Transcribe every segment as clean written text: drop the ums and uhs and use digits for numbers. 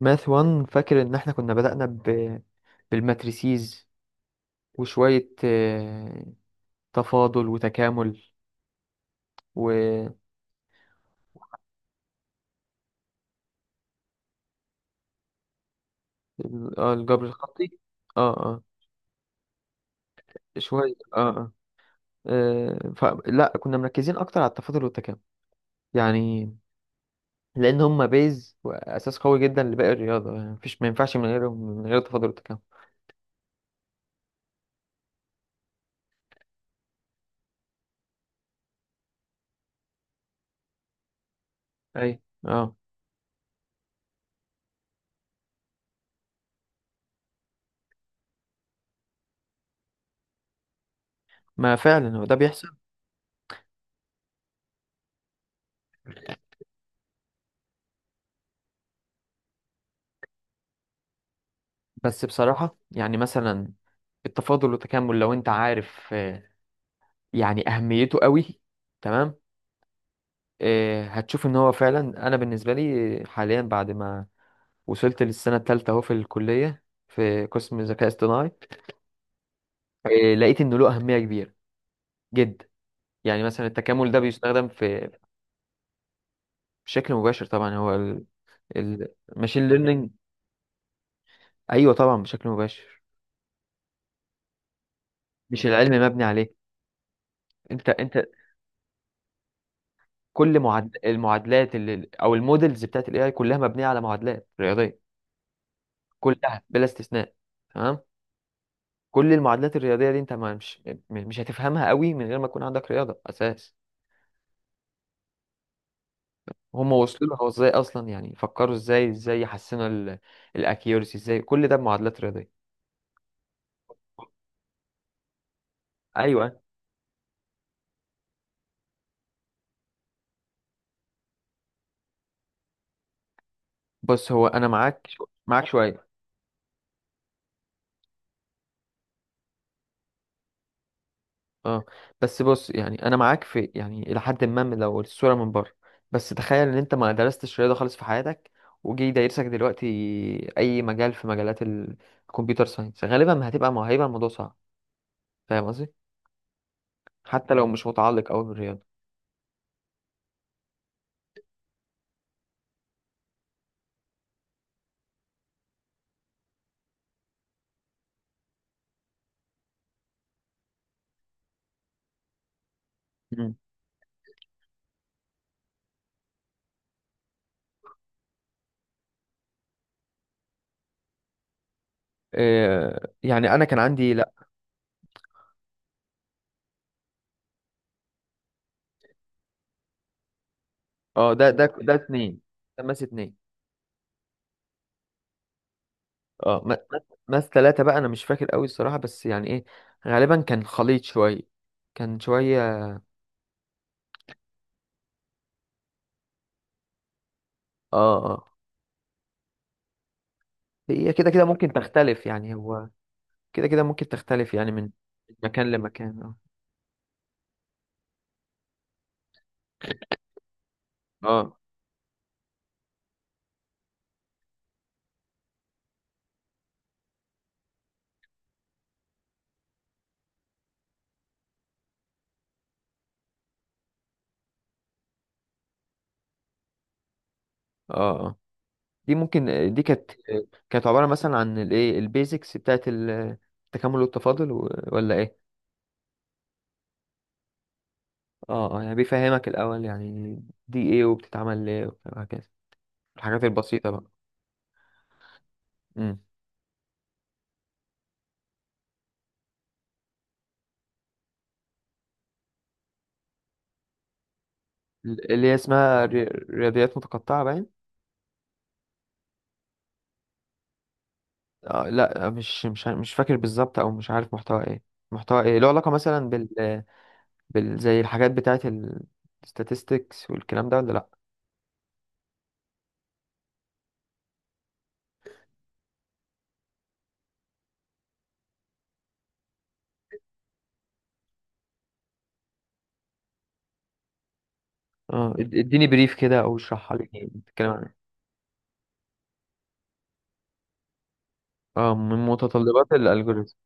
ماث 1 فاكر ان احنا كنا بدأنا بالماتريسيز، وشوية تفاضل وتكامل والجبر الخطي. اه، اه. شوية اه، اه، فلا كنا مركزين اكتر على التفاضل والتكامل، يعني لان هما بيز واساس قوي جدا لباقي الرياضة، يعني مفيش، ما ينفعش من غيرهم، من غير التفاضل والتكامل. اي، اه. ما فعلا هو ده بيحصل. بس بصراحة يعني مثلا التفاضل والتكامل لو انت عارف، يعني اهميته قوي، تمام. هتشوف ان هو فعلا انا بالنسبه لي حاليا بعد ما وصلت للسنه الثالثه اهو في الكليه في قسم ذكاء اصطناعي. لقيت انه له اهميه كبيره جدا، يعني مثلا التكامل ده بيستخدم في بشكل مباشر طبعا، هو الماشين ليرنينج. ايوه طبعا بشكل مباشر. مش العلم مبني عليه. انت كل المعادلات او المودلز بتاعت الاي اي كلها مبنيه على معادلات رياضيه، كلها بلا استثناء، تمام. كل المعادلات الرياضيه دي انت، ما، مش، مش هتفهمها قوي من غير ما يكون عندك رياضه اساس. هم وصلوا لها ازاي اصلا؟ يعني فكروا ازاي، ازاي يحسنوا الاكيورسي، ازاي كل ده بمعادلات رياضيه. ايوه. بص هو انا معاك شويه، اه. بس بص يعني انا معاك في، يعني الى حد ما، من، لو الصوره من بره. بس تخيل ان انت ما درستش رياضه خالص في حياتك، وجي دايرسك دلوقتي اي مجال في مجالات الكمبيوتر ساينس، غالبا ما هيبقى الموضوع صعب. فاهم قصدي؟ حتى لو مش متعلق قوي بالرياضه. يعني انا كان عندي لا. اه، ده اتنين، ده ماس اتنين. اه، ماس تلاتة بقى انا مش فاكر قوي الصراحة، بس يعني ايه، غالبا كان خليط شوية، كان شوية. اه، اه. هي كده كده ممكن تختلف يعني، هو كده كده ممكن تختلف يعني من مكان لمكان، اه، اه، اه. آه. دي ممكن، دي كانت، كانت عبارة مثلا عن الايه البيزكس بتاعت التكامل والتفاضل، ولا ايه؟ اه، اه، يعني بيفهمك الاول، يعني دي ايه، وبتتعمل ليه، وهكذا الحاجات البسيطة بقى. مم. اللي هي اسمها رياضيات متقطعة، باين. آه، لا، مش فاكر بالظبط، او مش عارف محتوى ايه. محتوى ايه له علاقة مثلا زي الحاجات بتاعة الستاتستكس والكلام ده، ولا لا؟ اه، اديني بريف كده، او اشرحها لي، يعني بتتكلم عن ايه؟ اه، من متطلبات الالجوريزم.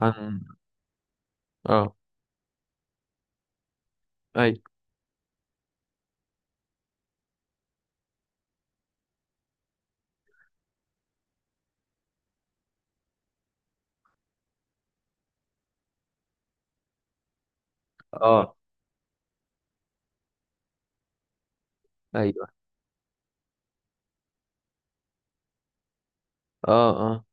عن، اه، اي، اه، ايوه، اه، اه،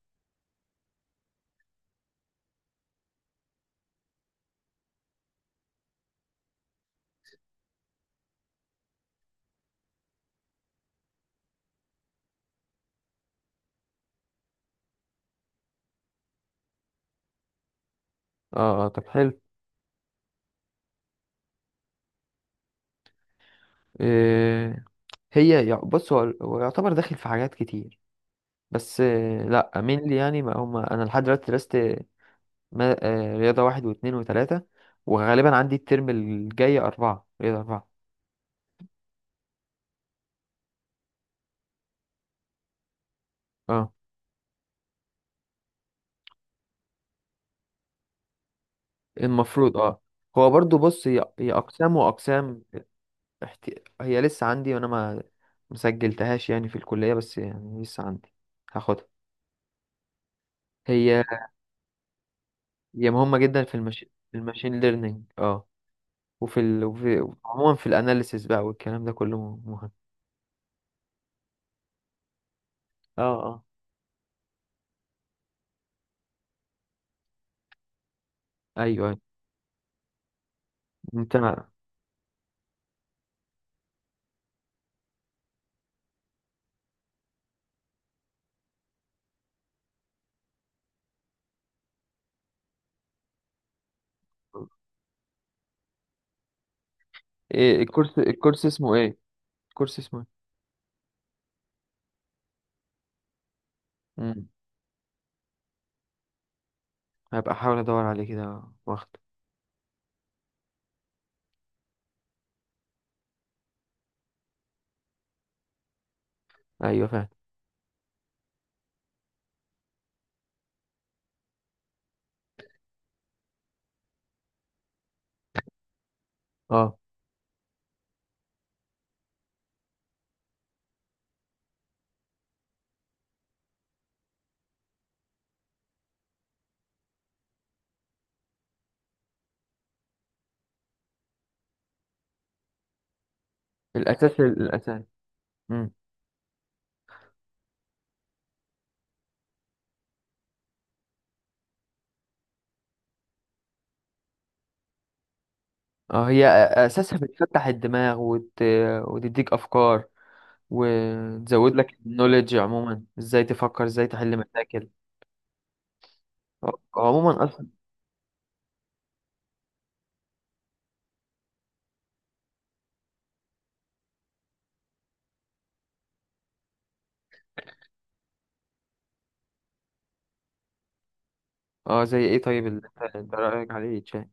اه، آه. طب حلو. إيه... هي بص، هو يعتبر داخل في حاجات كتير. بس لا مين لي، يعني ما هم انا لحد دلوقتي درست، رياضه واحد واثنين وثلاثه، وغالبا عندي الترم الجاي اربعه، رياضه اربعه. اه، المفروض، اه، هو برضو، بص، هي اقسام واقسام. احت... هي لسه عندي، وانا ما مسجلتهاش يعني في الكليه، بس يعني لسه عندي، هاخدها. هي هي مهمه جدا في الماشين ليرنينج، اه، وفي عموما في الاناليسيس بقى، والكلام ده كله مهم. اه، اه، ايوه، أيوة. انت، ايه الكورس، الكورس اسمه ايه؟ الكورس اسمه ايه؟ امم، هبقى احاول ادور عليه كده واخد. ايوه، فاهم. اه، الاساس، الاساس. امم. اه، هي اساسها بتفتح الدماغ وتديك افكار، وتزود لك النوليدج عموما، ازاي تفكر، ازاي تحل مشاكل. اه، عموما اصلا. اه، زي ايه؟ طيب اللي انت رايك عليه تشاه.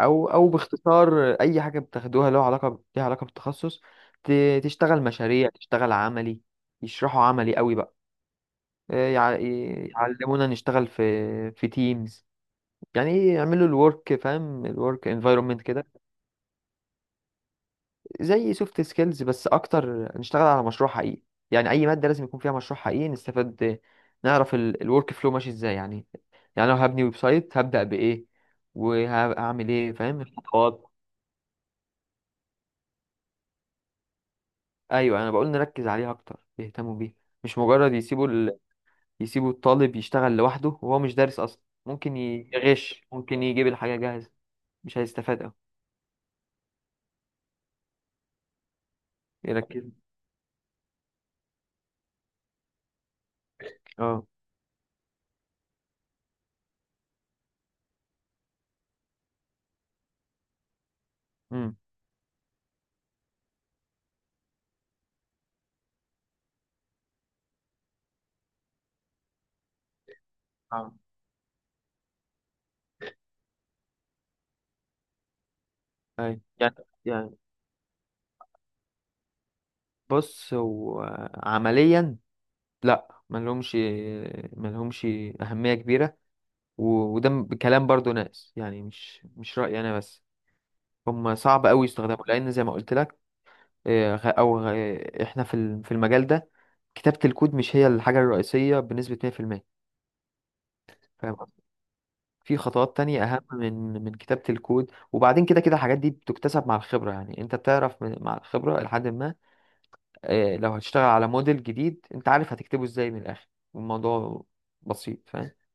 او، او باختصار اي حاجه بتاخدوها لها علاقه ليها علاقه بالتخصص، ت... تشتغل مشاريع، تشتغل عملي، يشرحوا عملي قوي بقى. آه، يع- يعلمونا نشتغل في تيمز، يعني ايه، يعملوا الورك، فاهم؟ الورك انفايرمنت كده. زي سوفت سكيلز، بس اكتر نشتغل على مشروع حقيقي، يعني اي ماده لازم يكون فيها مشروع حقيقي، نستفاد، نعرف الورك فلو ماشي ازاي، يعني يعني لو هبني ويب سايت، هبدا بايه، وهعمل ايه؟ فاهم الخطوات. ايوه، انا بقول نركز عليها اكتر، يهتموا بيها، مش مجرد يسيبوا يسيبوا الطالب يشتغل لوحده، وهو مش دارس اصلا، ممكن يغش، ممكن يجيب الحاجه جاهزه، مش هيستفاد أوي. يركز. اه. امم. اه، اي يعني، يعني بص هو عمليا، لا، ملهمش أهمية كبيرة، وده كلام برضو ناس، يعني مش رأيي أنا بس، هم صعب أوي يستخدموا، لأن زي ما قلت لك. إحنا في المجال ده، كتابة الكود مش هي الحاجة الرئيسية بنسبة 100%. فاهم قصدي؟ في خطوات تانية أهم من كتابة الكود، وبعدين كده كده الحاجات دي بتكتسب مع الخبرة، يعني أنت بتعرف مع الخبرة لحد ما. لو هتشتغل على موديل جديد، انت عارف هتكتبه ازاي، من الاخر الموضوع بسيط، فاهم.